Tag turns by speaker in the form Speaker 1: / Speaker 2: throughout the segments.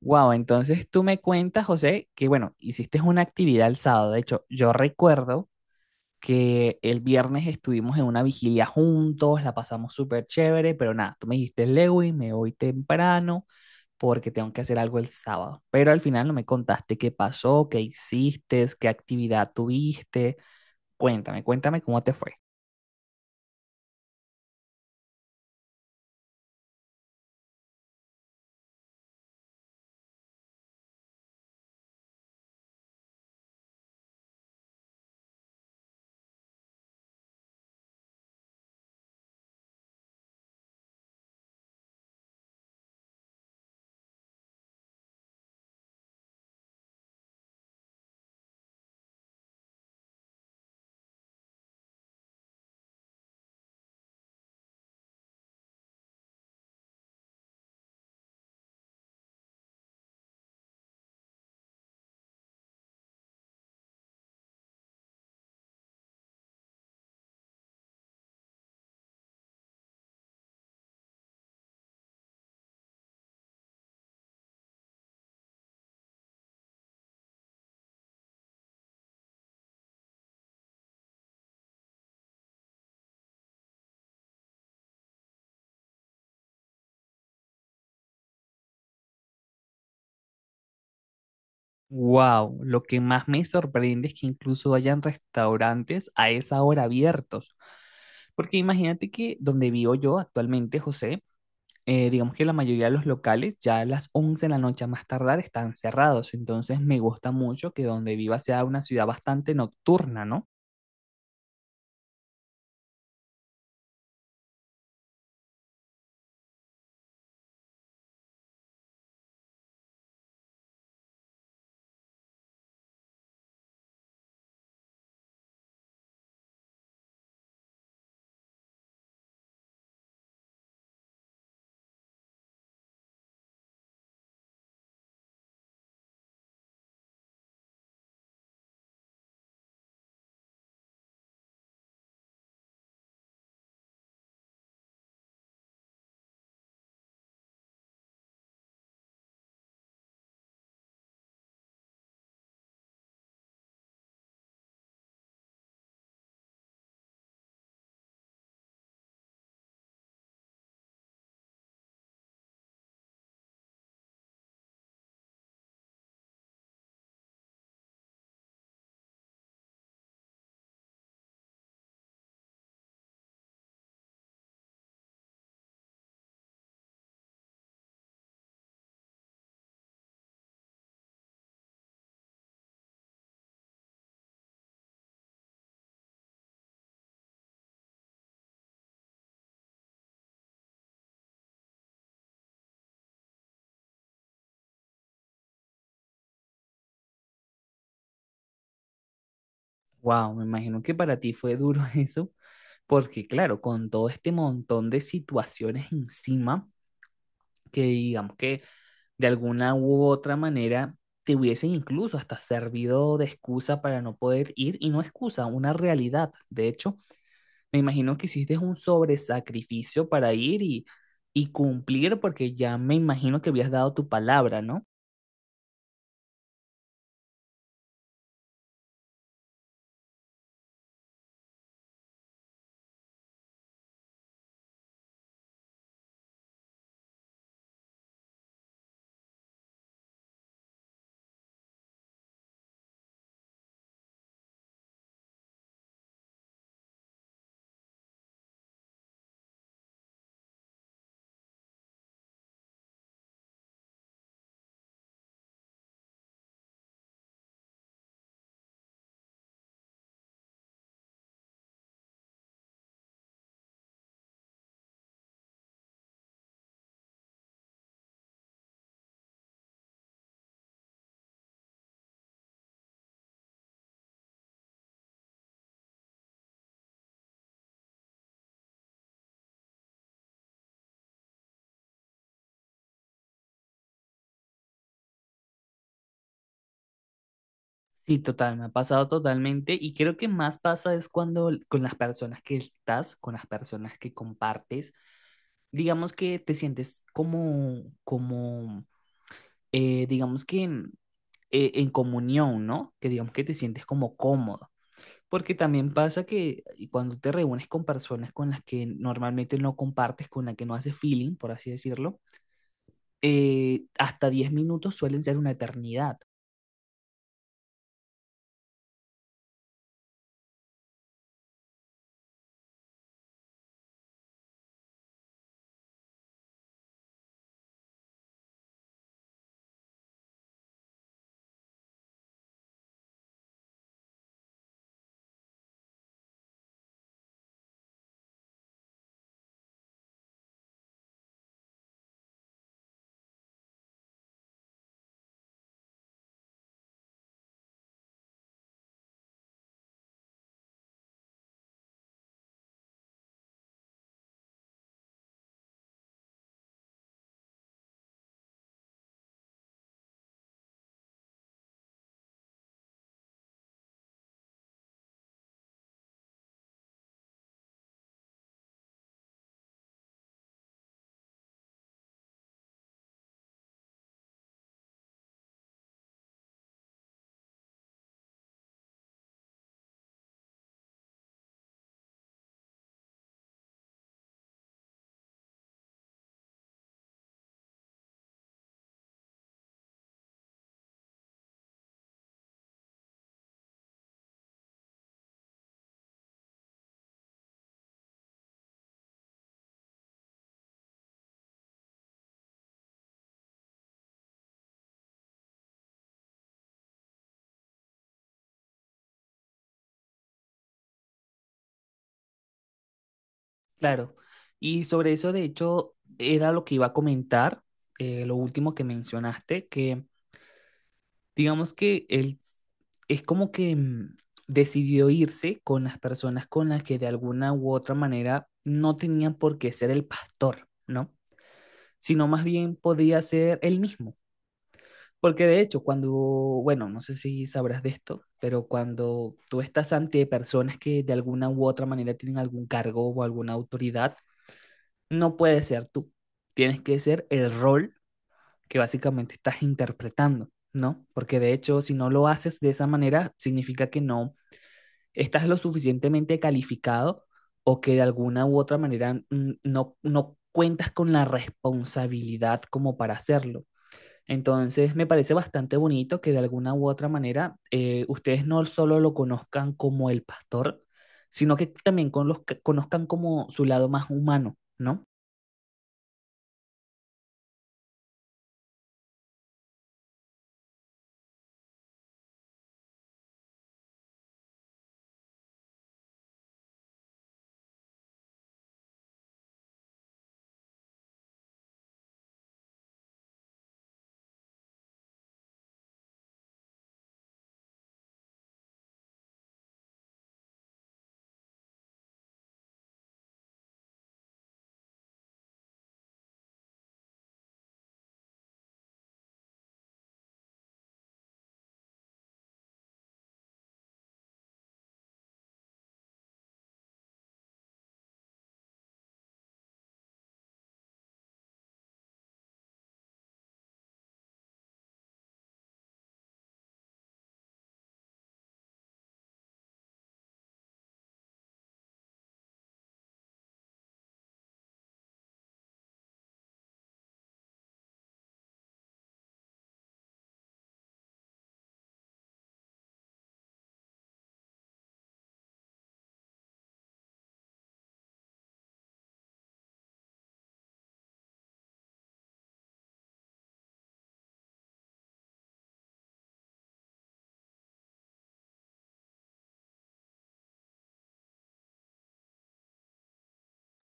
Speaker 1: Wow, entonces tú me cuentas, José, que bueno, hiciste una actividad el sábado. De hecho, yo recuerdo que el viernes estuvimos en una vigilia juntos, la pasamos súper chévere, pero nada, tú me dijiste, Lewin, me voy temprano porque tengo que hacer algo el sábado. Pero al final no me contaste qué pasó, qué hiciste, qué actividad tuviste. Cuéntame, cuéntame cómo te fue. Wow, lo que más me sorprende es que incluso hayan restaurantes a esa hora abiertos. Porque imagínate que donde vivo yo actualmente, José, digamos que la mayoría de los locales ya a las 11 de la noche a más tardar están cerrados. Entonces me gusta mucho que donde viva sea una ciudad bastante nocturna, ¿no? Wow, me imagino que para ti fue duro eso, porque claro, con todo este montón de situaciones encima, que digamos que de alguna u otra manera te hubiesen incluso hasta servido de excusa para no poder ir, y no excusa, una realidad. De hecho, me imagino que hiciste un sobresacrificio para ir y cumplir, porque ya me imagino que habías dado tu palabra, ¿no? Sí, total, me ha pasado totalmente y creo que más pasa es cuando con las personas que estás, con las personas que compartes, digamos que te sientes como digamos que en comunión, ¿no? Que digamos que te sientes como cómodo. Porque también pasa que cuando te reúnes con personas con las que normalmente no compartes, con las que no haces feeling, por así decirlo, hasta 10 minutos suelen ser una eternidad. Claro. Y sobre eso, de hecho, era lo que iba a comentar, lo último que mencionaste, que digamos que él es como que decidió irse con las personas con las que de alguna u otra manera no tenían por qué ser el pastor, ¿no? Sino más bien podía ser él mismo. Porque de hecho, cuando, bueno, no sé si sabrás de esto, pero cuando tú estás ante personas que de alguna u otra manera tienen algún cargo o alguna autoridad, no puedes ser tú. Tienes que ser el rol que básicamente estás interpretando, ¿no? Porque de hecho, si no lo haces de esa manera, significa que no estás lo suficientemente calificado o que de alguna u otra manera no, no cuentas con la responsabilidad como para hacerlo. Entonces, me parece bastante bonito que de alguna u otra manera ustedes no solo lo conozcan como el pastor, sino que también con los, conozcan como su lado más humano, ¿no?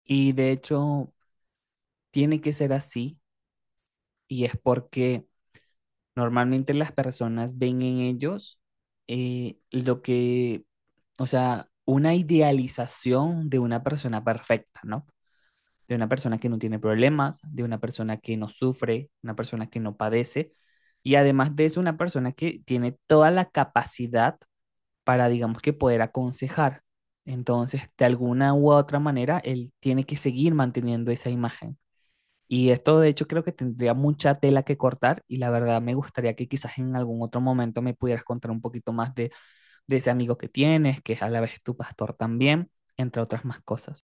Speaker 1: Y de hecho, tiene que ser así y es porque normalmente las personas ven en ellos eh, lo que, o sea, una idealización de una persona perfecta, ¿no? De una persona que no tiene problemas, de una persona que no sufre, una persona que no padece. Y además de eso, una persona que tiene toda la capacidad para, digamos que, poder aconsejar. Entonces, de alguna u otra manera, él tiene que seguir manteniendo esa imagen. Y esto, de hecho, creo que tendría mucha tela que cortar y la verdad me gustaría que quizás en algún otro momento me pudieras contar un poquito más de ese amigo que tienes, que es a la vez tu pastor también, entre otras más cosas.